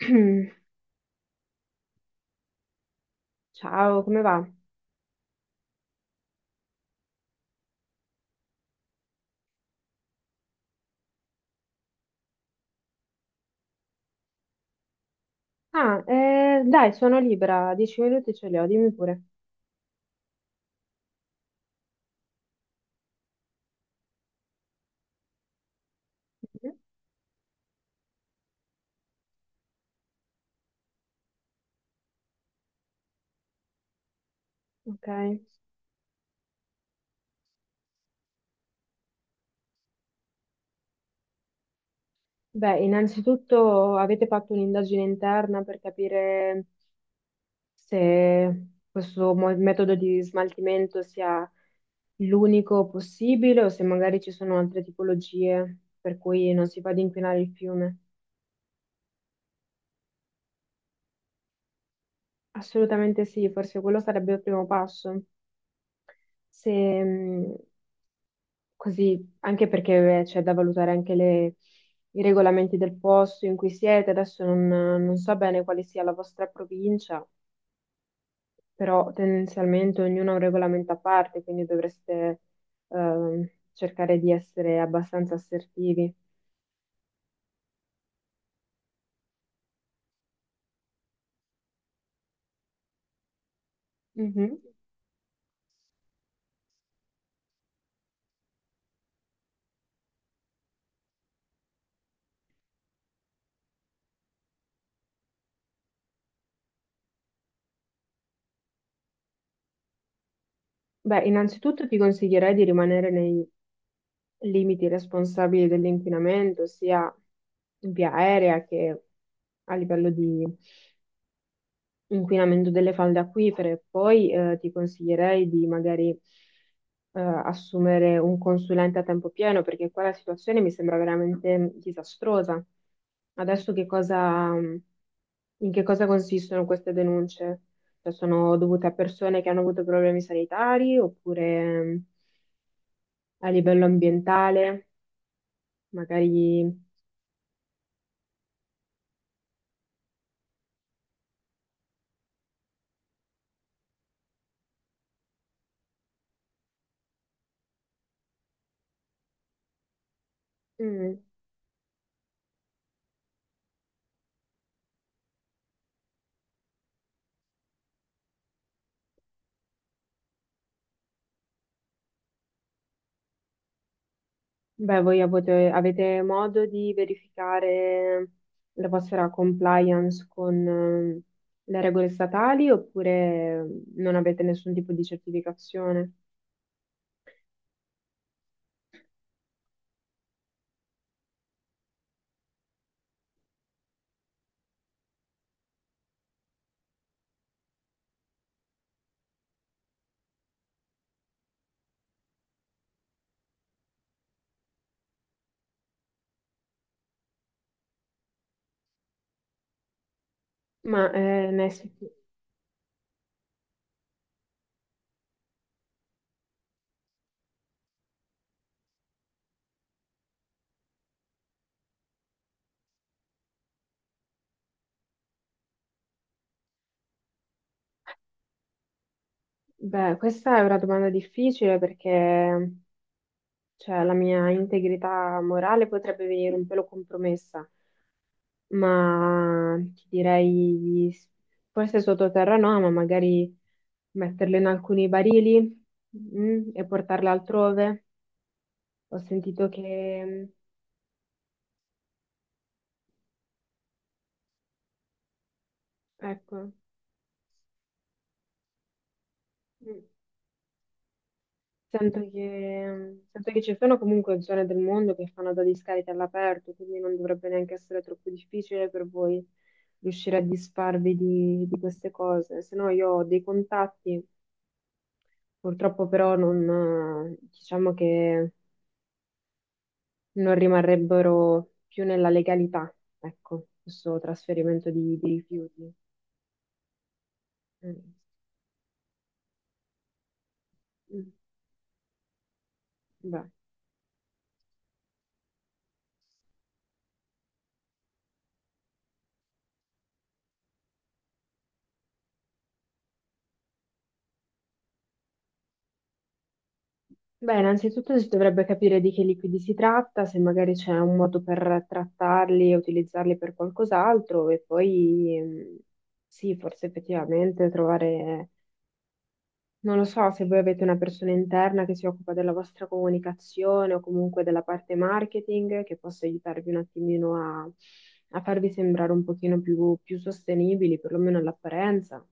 Ciao, come va? Ah, dai, sono libera, 10 minuti ce li ho, dimmi pure. Mhm. Ok. Beh, innanzitutto avete fatto un'indagine interna per capire se questo metodo di smaltimento sia l'unico possibile o se magari ci sono altre tipologie per cui non si fa ad inquinare il fiume. Assolutamente sì, forse quello sarebbe il primo passo. Se mh, così, anche perché c'è da valutare anche i regolamenti del posto in cui siete, adesso non so bene quale sia la vostra provincia, però tendenzialmente ognuno ha un regolamento a parte, quindi dovreste cercare di essere abbastanza assertivi. Mhm. Beh, innanzitutto ti consiglierei di rimanere nei limiti responsabili dell'inquinamento, sia in via aerea che a livello di inquinamento delle falde acquifere. Poi ti consiglierei di magari assumere un consulente a tempo pieno perché qua la situazione mi sembra veramente disastrosa. Adesso in che cosa consistono queste denunce? Cioè, sono dovute a persone che hanno avuto problemi sanitari oppure, mm, a livello ambientale, magari mm. Beh, avete modo di verificare la vostra compliance con, le regole statali oppure non avete nessun tipo di certificazione? Ma beh, questa è una domanda difficile perché, cioè, la mia integrità morale potrebbe venire un pelo compromessa. Ma ti direi forse sottoterra no, ma magari metterle in alcuni barili, mm, e portarle altrove. Ho sentito che, mm, ecco, mm, mm, sento che ci sono comunque zone del mondo che fanno da discariche all'aperto, quindi non dovrebbe neanche essere troppo difficile per voi riuscire a disfarvi di queste cose. Se no io ho dei contatti, purtroppo però non, diciamo che non rimarrebbero più nella legalità, ecco, questo trasferimento di rifiuti. Mm. Mm. Beh. Beh, innanzitutto si dovrebbe capire di che liquidi si tratta, se magari c'è un modo per trattarli e utilizzarli per qualcos'altro, e poi, mm, sì, forse effettivamente trovare. Non lo so se voi avete una persona interna che si occupa della vostra comunicazione o comunque della parte marketing che possa aiutarvi un attimino a farvi sembrare un pochino più sostenibili, perlomeno all'apparenza.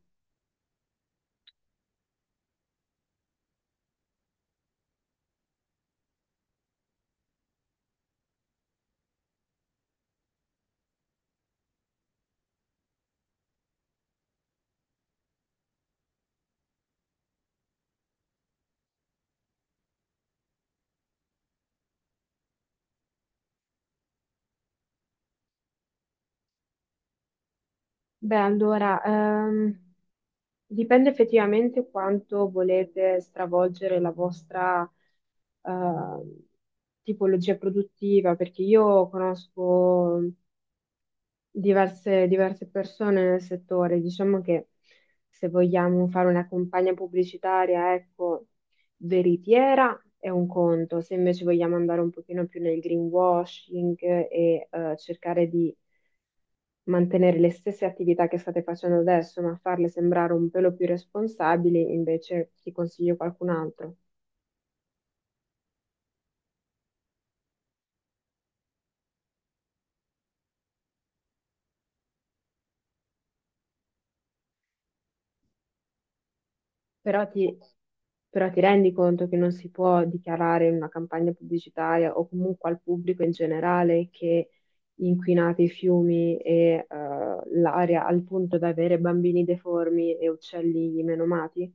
Beh, allora, dipende effettivamente quanto volete stravolgere la vostra, eh, tipologia produttiva, perché io conosco diverse persone nel settore. Diciamo che se vogliamo fare una campagna pubblicitaria, ecco, veritiera è un conto, se invece vogliamo andare un pochino più nel greenwashing e cercare di mantenere le stesse attività che state facendo adesso, ma farle sembrare un pelo più responsabili, invece ti consiglio qualcun altro. Però ti, Però ti rendi conto che non si può dichiarare in una campagna pubblicitaria o comunque al pubblico in generale che inquinate i fiumi e, l'aria al punto da avere bambini deformi e uccelli menomati?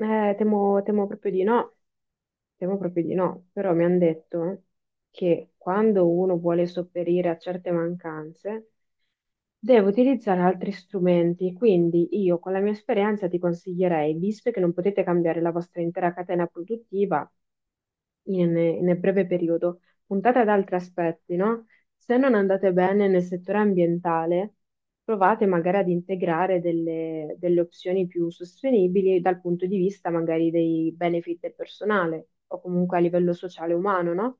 Temo proprio di no, temo proprio di no. Però mi hanno detto che quando uno vuole sopperire a certe mancanze, devo utilizzare altri strumenti, quindi io con la mia esperienza ti consiglierei, visto che non potete cambiare la vostra intera catena produttiva, in- nel breve periodo, puntate ad altri aspetti, no? Se non andate bene nel settore ambientale, provate magari ad integrare delle opzioni più sostenibili dal punto di vista magari dei benefit del personale o comunque a livello sociale e umano, no?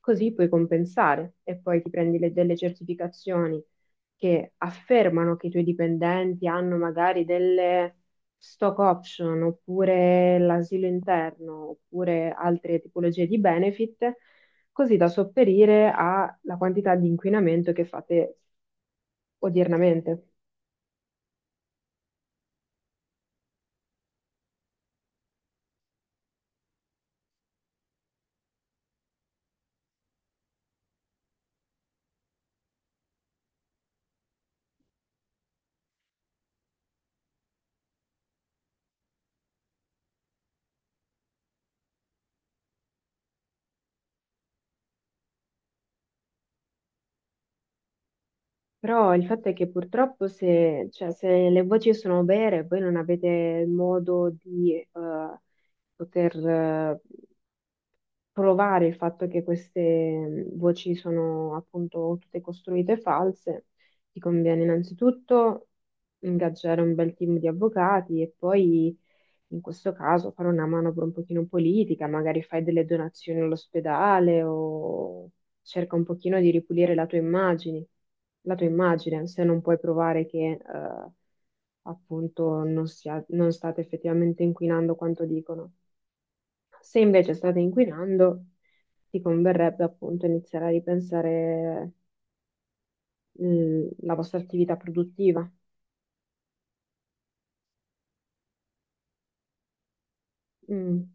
Così puoi compensare e poi ti prendi delle certificazioni che affermano che i tuoi dipendenti hanno magari delle stock option, oppure l'asilo interno, oppure altre tipologie di benefit, così da sopperire alla quantità di inquinamento che fate odiernamente. Però il fatto è che purtroppo se, cioè, se le voci sono vere, voi non avete modo di, poter provare il fatto che queste, voci sono appunto tutte costruite e false, ti conviene innanzitutto ingaggiare un bel team di avvocati e poi in questo caso fare una manovra un pochino politica, magari fai delle donazioni all'ospedale o cerca un pochino di ripulire la tua immagine, se non puoi provare che, appunto non state effettivamente inquinando quanto dicono. Se invece state inquinando, ti converrebbe appunto iniziare a ripensare, la vostra attività produttiva. Mm.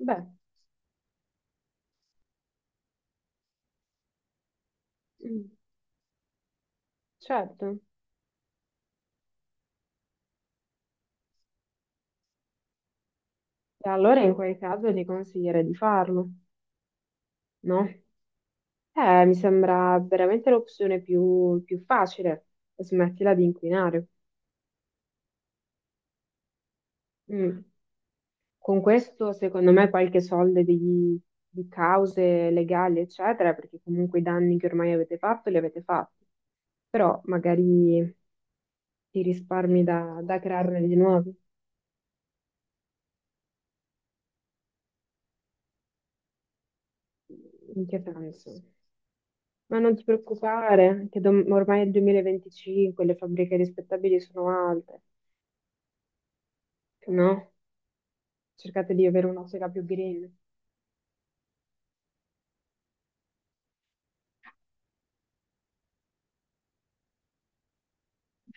Beh. Mm, certo. E allora in quel caso ti consiglierei di farlo, no? Mi sembra veramente l'opzione più facile. Smettila di inquinare. Mm. Con questo, secondo me, qualche soldo di cause legali, eccetera, perché comunque i danni che ormai avete fatto li avete fatti, però magari ti risparmi da crearne di nuovi. In che senso? Ma non ti preoccupare, che ormai è il 2025, le fabbriche rispettabili sono alte, no? Cercate di avere un'ottica più green.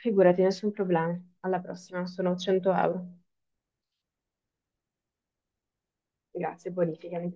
Figurati, nessun problema. Alla prossima, sono 100 euro. Grazie, bonificami.